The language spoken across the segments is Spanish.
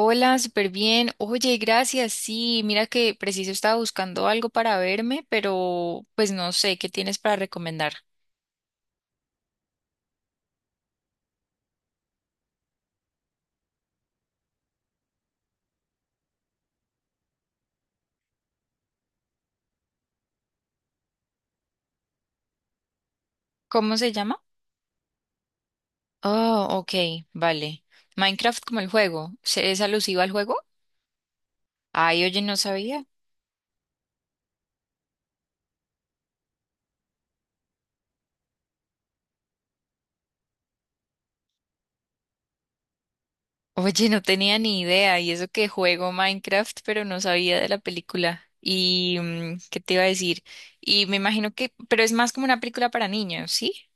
Hola, súper bien. Oye, gracias. Sí, mira que preciso estaba buscando algo para verme, pero pues no sé qué tienes para recomendar. ¿Cómo se llama? Oh, ok, vale. Minecraft como el juego. ¿Es alusivo al juego? Ay, oye, no sabía. Oye, no tenía ni idea. Y eso que juego Minecraft, pero no sabía de la película. Y, ¿qué te iba a decir? Y me imagino que, pero es más como una película para niños, ¿sí?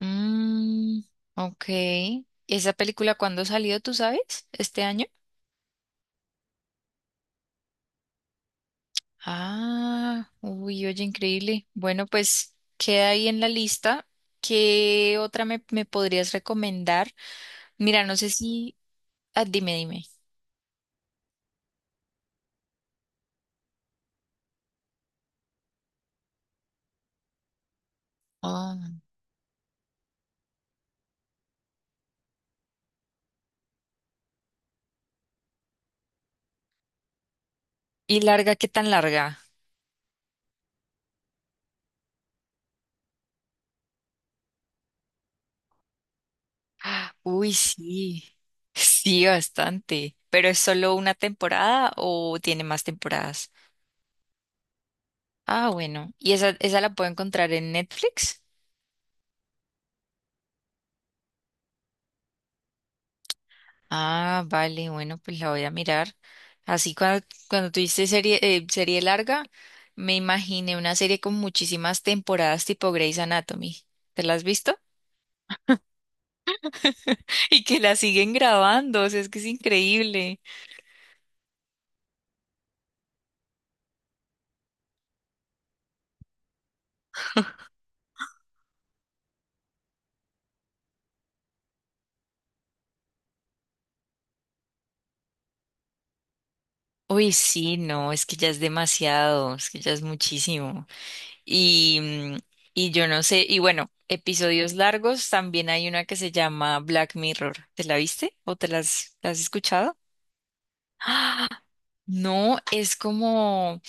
Mm, ok. ¿Esa película cuándo salió, tú sabes? ¿Este año? Ah, uy, oye, increíble. Bueno, pues queda ahí en la lista. ¿Qué otra me podrías recomendar? Mira, no sé si... Ah, dime. Ah, ¿y larga? ¿Qué tan larga? Ah, uy, sí. Sí, bastante. ¿Pero es solo una temporada o tiene más temporadas? Ah, bueno. ¿Y esa la puedo encontrar en Netflix? Ah, vale, bueno, pues la voy a mirar. Así cuando tuviste serie, serie larga, me imaginé una serie con muchísimas temporadas tipo Grey's Anatomy. ¿Te la has visto? Y que la siguen grabando, o sea, es que es increíble. Uy, sí, no, es que ya es demasiado, es que ya es muchísimo. Y, y yo no sé, y bueno, episodios largos, también hay una que se llama Black Mirror. ¿Te la viste o la has escuchado? ¡Ah! No, es como...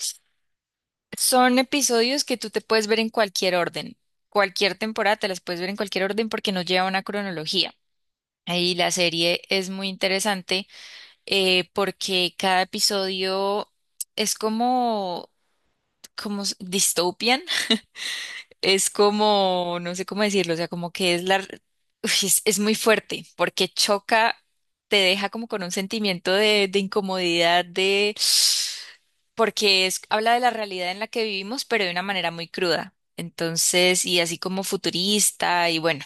Son episodios que tú te puedes ver en cualquier orden. Cualquier temporada te las puedes ver en cualquier orden porque no lleva una cronología. Ahí la serie es muy interesante, porque cada episodio es como, dystopian, es como, no sé cómo decirlo, o sea, como que uy, es muy fuerte porque choca, te deja como con un sentimiento de incomodidad, de porque habla de la realidad en la que vivimos, pero de una manera muy cruda. Entonces, y así como futurista, y bueno,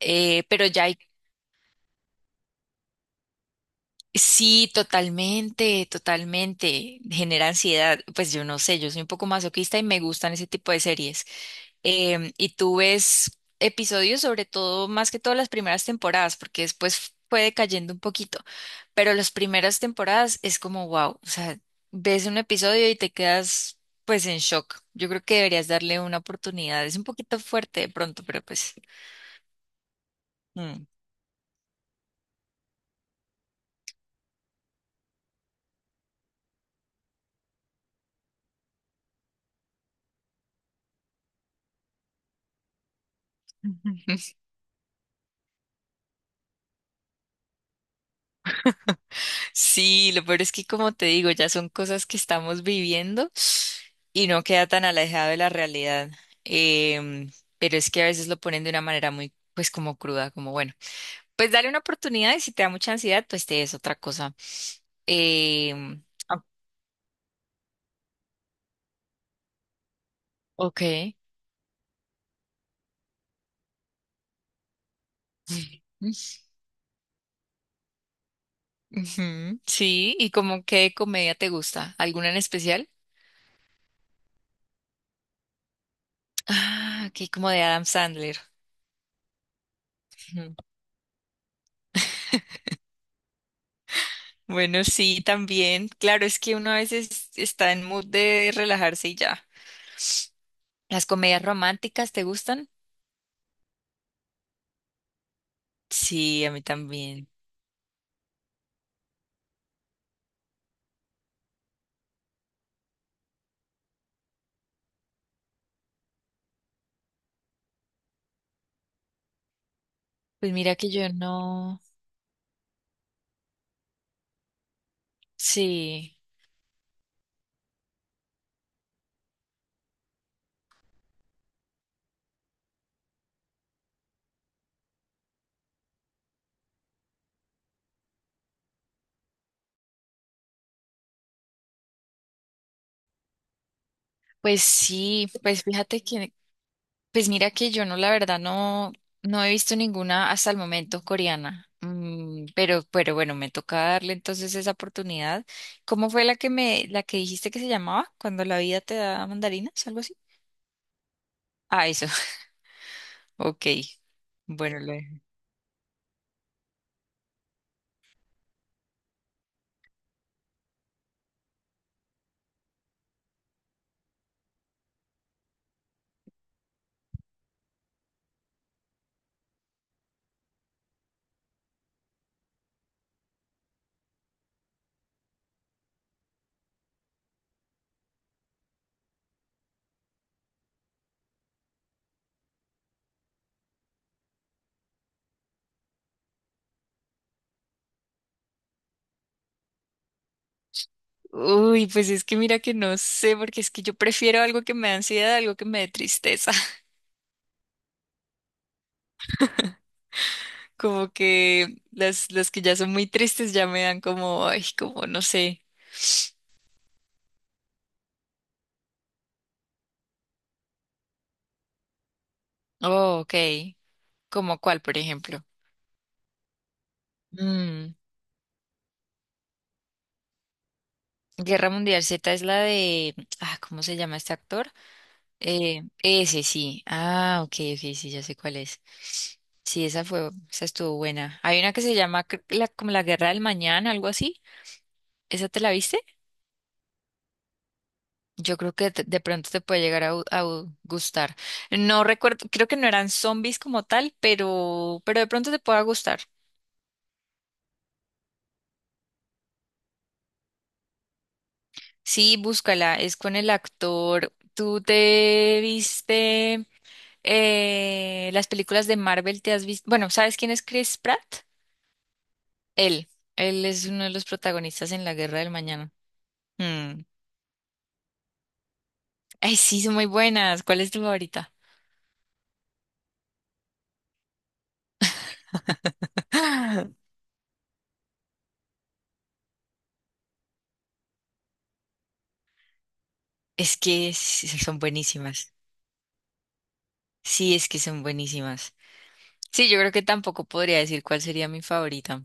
pero ya hay, sí, totalmente, genera ansiedad. Pues yo no sé, yo soy un poco masoquista y me gustan ese tipo de series. Y tú ves episodios, sobre todo, más que todo las primeras temporadas, porque después fue decayendo un poquito, pero las primeras temporadas es como wow, o sea, ves un episodio y te quedas pues en shock. Yo creo que deberías darle una oportunidad. Es un poquito fuerte de pronto, pero pues... mm. Sí, lo peor es que como te digo, ya son cosas que estamos viviendo y no queda tan alejado de la realidad. Em, pero es que a veces lo ponen de una manera muy, pues como cruda, como bueno. Pues dale una oportunidad y si te da mucha ansiedad, pues te es otra cosa. Em, Ah, ok. Ujú, sí, ¿y como qué comedia te gusta? ¿Alguna en especial? Ah, aquí como de Adam Sandler. Ujú. Bueno, sí, también. Claro, es que uno a veces está en mood de relajarse y ya. ¿Las comedias románticas te gustan? Sí, a mí también. Pues mira que yo no. Sí. Pues sí, pues fíjate que pues mira que yo no, la verdad, no, no he visto ninguna hasta el momento coreana. Mm, pero bueno, me toca darle entonces esa oportunidad. ¿Cómo fue la que dijiste que se llamaba? Cuando la vida te da mandarinas, algo así. Ah, eso. Ok. Bueno, lo dejo. Uy, pues es que mira que no sé, porque es que yo prefiero algo que me da ansiedad, algo que me dé tristeza. Como que las que ya son muy tristes ya me dan como, ay, como no sé. Oh, ok. ¿Como cuál, por ejemplo? Mm. Guerra Mundial Z es la de, ah, ¿cómo se llama este actor? Ese sí. Ah, ok, sí, ya sé cuál es. Sí, esa fue, esa estuvo buena. Hay una que se llama como la Guerra del Mañana, algo así. ¿Esa te la viste? Yo creo que de pronto te puede llegar a gustar. No recuerdo, creo que no eran zombies como tal, pero de pronto te pueda gustar. Sí, búscala. Es con el actor. ¿Tú te viste? Las películas de Marvel te has visto. Bueno, ¿sabes quién es Chris Pratt? Él. Él es uno de los protagonistas en La Guerra del Mañana. Mm. Ay, sí, son muy buenas. ¿Cuál es tu favorita? Es que son buenísimas. Sí, es que son buenísimas. Sí, yo creo que tampoco podría decir cuál sería mi favorita.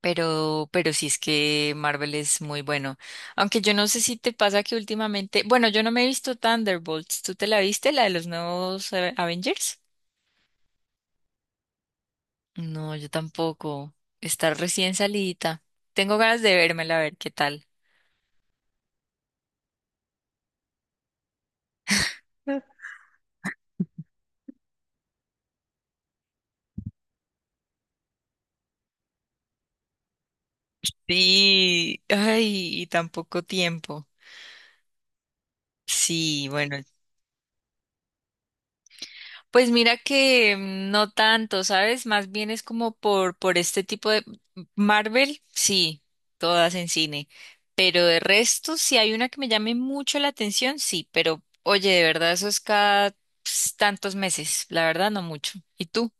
Pero sí es que Marvel es muy bueno. Aunque yo no sé si te pasa que últimamente, bueno, yo no me he visto Thunderbolts. ¿Tú te la viste, la de los nuevos Avengers? No, yo tampoco. Está recién salidita. Tengo ganas de vérmela a ver qué tal. Sí, ay, y tan poco tiempo. Sí, bueno, pues mira que no tanto, ¿sabes? Más bien es como por este tipo de Marvel, sí, todas en cine, pero de resto, si hay una que me llame mucho la atención, sí, pero oye, de verdad, eso es cada ps, tantos meses, la verdad, no mucho. ¿Y tú?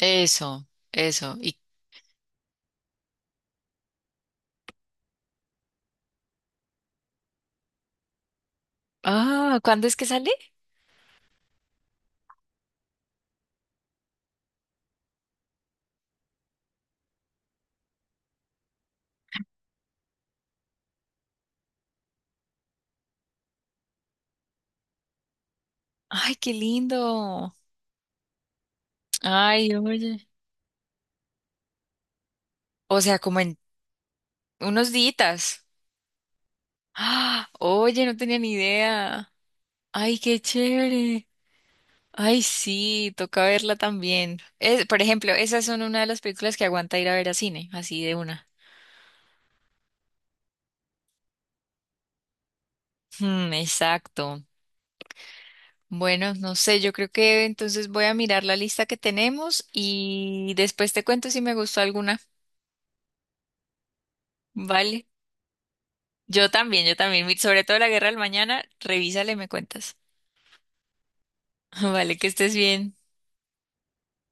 Eso, eso. ¿Y ah, cuándo es que sale? Ay, qué lindo. Ay, oye. O sea, como en unos días. Ah, oye, no tenía ni idea. Ay, qué chévere. Ay, sí, toca verla también. Por ejemplo, esas son una de las películas que aguanta ir a ver a cine, así de una. Hmm, exacto. Bueno, no sé, yo creo que entonces voy a mirar la lista que tenemos y después te cuento si me gustó alguna. Vale. Yo también, yo también. Sobre todo la Guerra del Mañana, revísale y me cuentas. Vale, que estés bien.